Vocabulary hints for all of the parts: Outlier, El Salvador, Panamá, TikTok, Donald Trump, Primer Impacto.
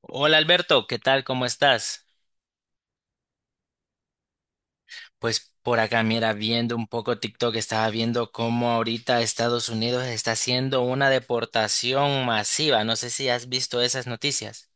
Hola Alberto, ¿qué tal? ¿Cómo estás? Pues por acá, mira, viendo un poco TikTok, estaba viendo cómo ahorita Estados Unidos está haciendo una deportación masiva. No sé si has visto esas noticias.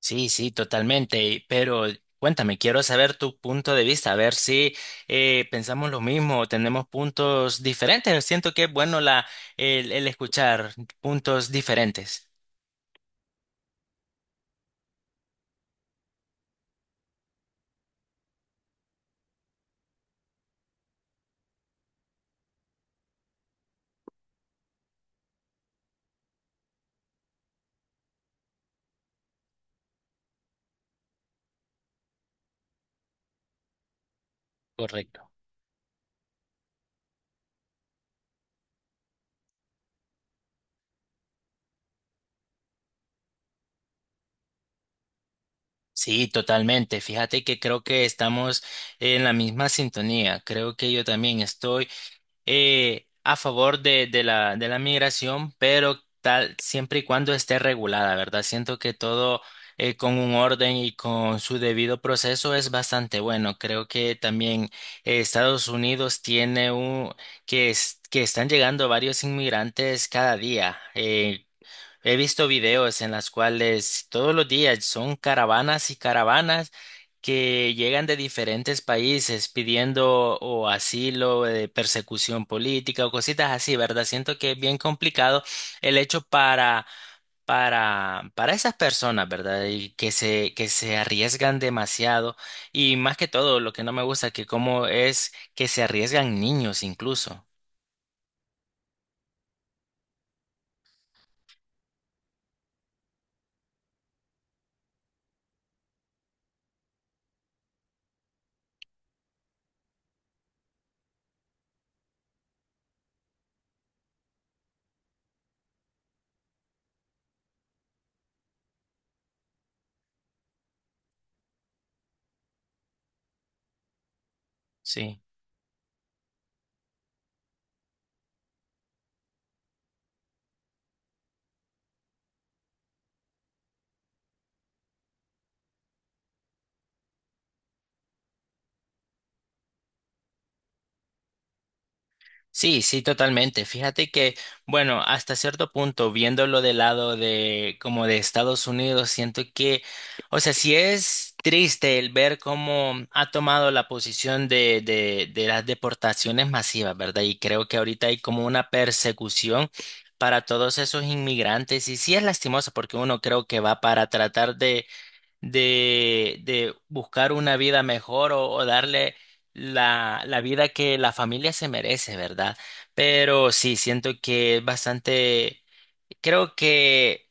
Sí, sí, totalmente. Pero cuéntame, quiero saber tu punto de vista, a ver si pensamos lo mismo o tenemos puntos diferentes. Siento que es bueno el escuchar puntos diferentes. Correcto. Sí, totalmente. Fíjate que creo que estamos en la misma sintonía. Creo que yo también estoy a favor de la migración, pero tal siempre y cuando esté regulada, ¿verdad? Siento que todo con un orden y con su debido proceso es bastante bueno. Creo que también Estados Unidos tiene un que están llegando varios inmigrantes cada día. He visto videos en las cuales todos los días son caravanas y caravanas que llegan de diferentes países pidiendo o asilo, persecución política o cositas así, ¿verdad? Siento que es bien complicado el hecho para esas personas, ¿verdad? Y que se arriesgan demasiado y más que todo lo que no me gusta que cómo es que se arriesgan niños incluso. Sí. Sí, sí, totalmente. Fíjate que, bueno, hasta cierto punto, viéndolo del lado de como de Estados Unidos, siento que, o sea, sí es triste el ver cómo ha tomado la posición de las deportaciones masivas, ¿verdad? Y creo que ahorita hay como una persecución para todos esos inmigrantes y sí es lastimoso porque uno creo que va para tratar de buscar una vida mejor o darle la vida que la familia se merece, ¿verdad? Pero sí, siento que es bastante, creo que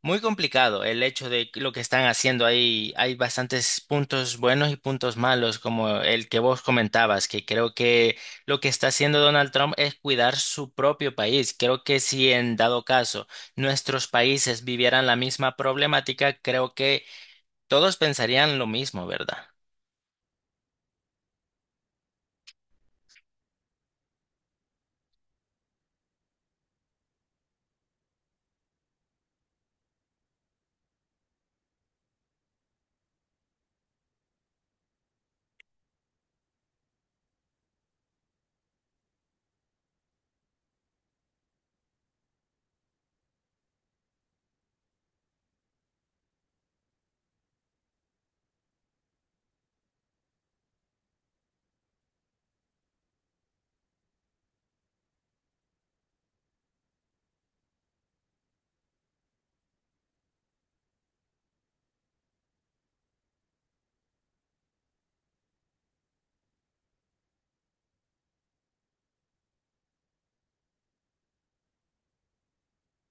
muy complicado el hecho de lo que están haciendo ahí. Hay bastantes puntos buenos y puntos malos, como el que vos comentabas, que creo que lo que está haciendo Donald Trump es cuidar su propio país. Creo que si en dado caso nuestros países vivieran la misma problemática, creo que todos pensarían lo mismo, ¿verdad?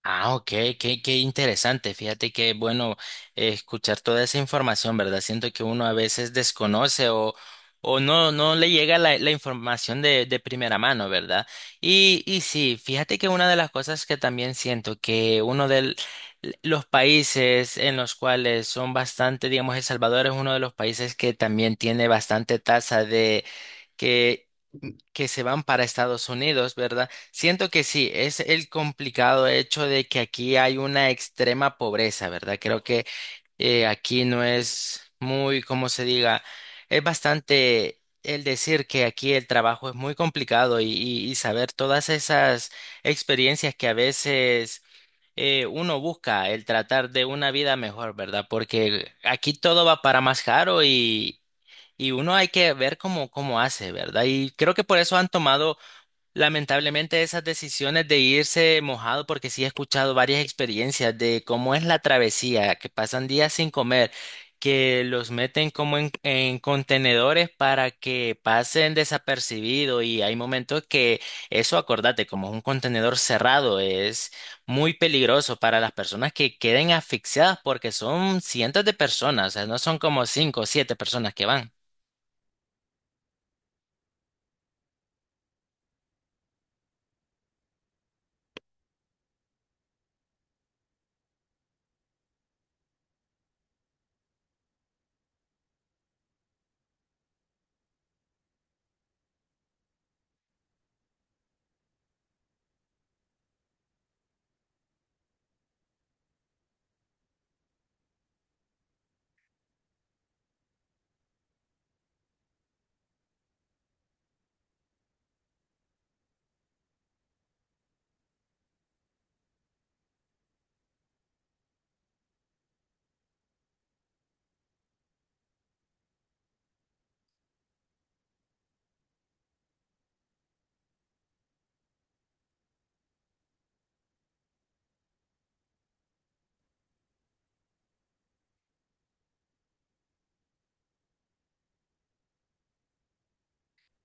Ah, ok, qué, qué interesante. Fíjate que bueno escuchar toda esa información, ¿verdad? Siento que uno a veces desconoce o no, no le llega la información de primera mano, ¿verdad? Y sí, fíjate que una de las cosas que también siento que uno de los países en los cuales son bastante, digamos, El Salvador es uno de los países que también tiene bastante tasa de... que que se van para Estados Unidos, ¿verdad? Siento que sí, es el complicado hecho de que aquí hay una extrema pobreza, ¿verdad? Creo que aquí no es muy, como se diga, es bastante el decir que aquí el trabajo es muy complicado y, y saber todas esas experiencias que a veces... uno busca el tratar de una vida mejor, ¿verdad? Porque aquí todo va para más caro y uno hay que ver cómo, cómo hace, ¿verdad? Y creo que por eso han tomado lamentablemente esas decisiones de irse mojado, porque sí he escuchado varias experiencias de cómo es la travesía, que pasan días sin comer, que los meten como en contenedores para que pasen desapercibido y hay momentos que eso, acordate, como es un contenedor cerrado, es muy peligroso para las personas que queden asfixiadas porque son cientos de personas, o sea, no son como cinco o siete personas que van.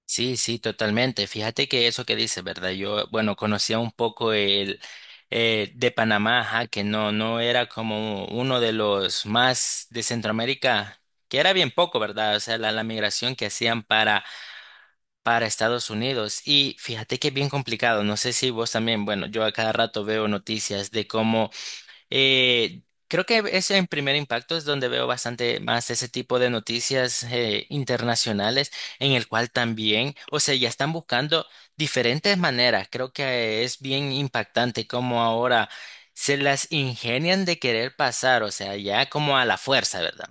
Sí, sí, totalmente. Fíjate que eso que dices, ¿verdad? Yo, bueno, conocía un poco el de Panamá, ajá, que no, no era como uno de los más de Centroamérica, que era bien poco, ¿verdad? O sea, la migración que hacían para Estados Unidos. Y fíjate que es bien complicado. No sé si vos también, bueno, yo a cada rato veo noticias de cómo creo que es en Primer Impacto es donde veo bastante más ese tipo de noticias internacionales, en el cual también, o sea, ya están buscando diferentes maneras. Creo que es bien impactante cómo ahora se las ingenian de querer pasar, o sea, ya como a la fuerza, ¿verdad?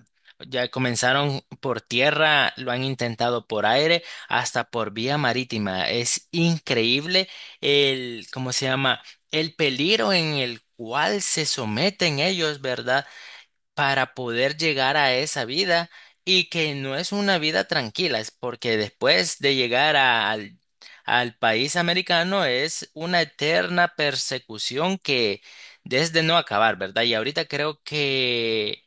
Ya comenzaron por tierra, lo han intentado por aire, hasta por vía marítima. Es increíble el, ¿cómo se llama? El peligro en el cual se someten ellos, ¿verdad? Para poder llegar a esa vida y que no es una vida tranquila, es porque después de llegar al país americano es una eterna persecución que desde no acabar, ¿verdad? Y ahorita creo que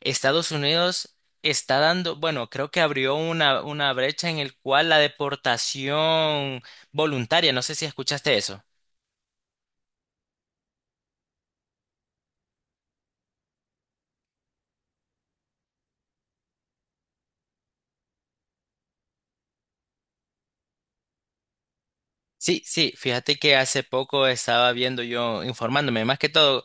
Estados Unidos está dando, bueno, creo que abrió una brecha en el cual la deportación voluntaria, no sé si escuchaste eso. Sí, sí, fíjate que hace poco estaba viendo yo, informándome, más que todo,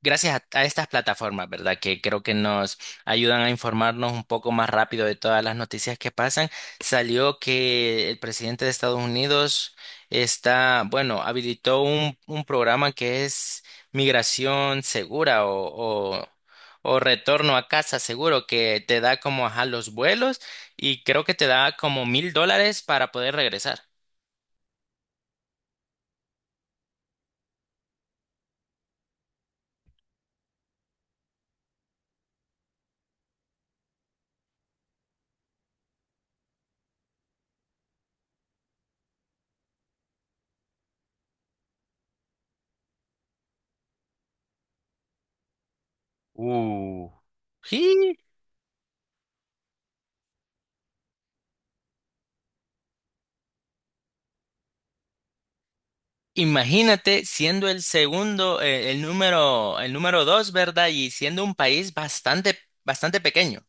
gracias a estas plataformas, ¿verdad? Que creo que nos ayudan a informarnos un poco más rápido de todas las noticias que pasan. Salió que el presidente de Estados Unidos está, bueno, habilitó un programa que es migración segura o retorno a casa seguro, que te da como, ajá, los vuelos y creo que te da como $1,000 para poder regresar. Imagínate siendo el segundo, el número 2, ¿verdad? Y siendo un país bastante, bastante pequeño.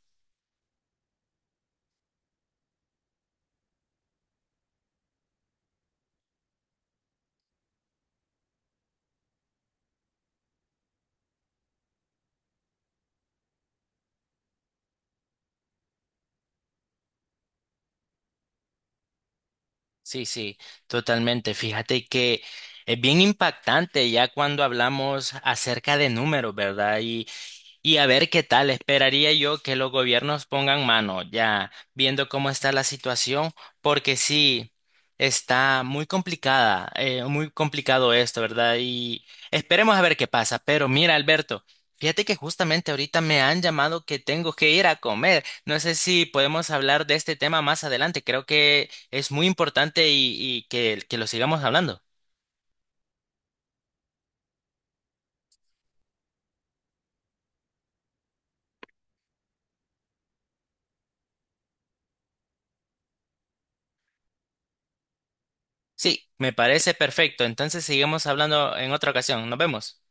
Sí, sí, totalmente. Fíjate que es bien impactante ya cuando hablamos acerca de números, ¿verdad? Y a ver qué tal, esperaría yo que los gobiernos pongan mano, ya viendo cómo está la situación, porque sí, está muy complicada, muy complicado esto, ¿verdad? Y esperemos a ver qué pasa. Pero mira, Alberto, fíjate que justamente ahorita me han llamado que tengo que ir a comer. No sé si podemos hablar de este tema más adelante, creo que es muy importante y que lo sigamos hablando. Sí, me parece perfecto. Entonces sigamos hablando en otra ocasión. Nos vemos.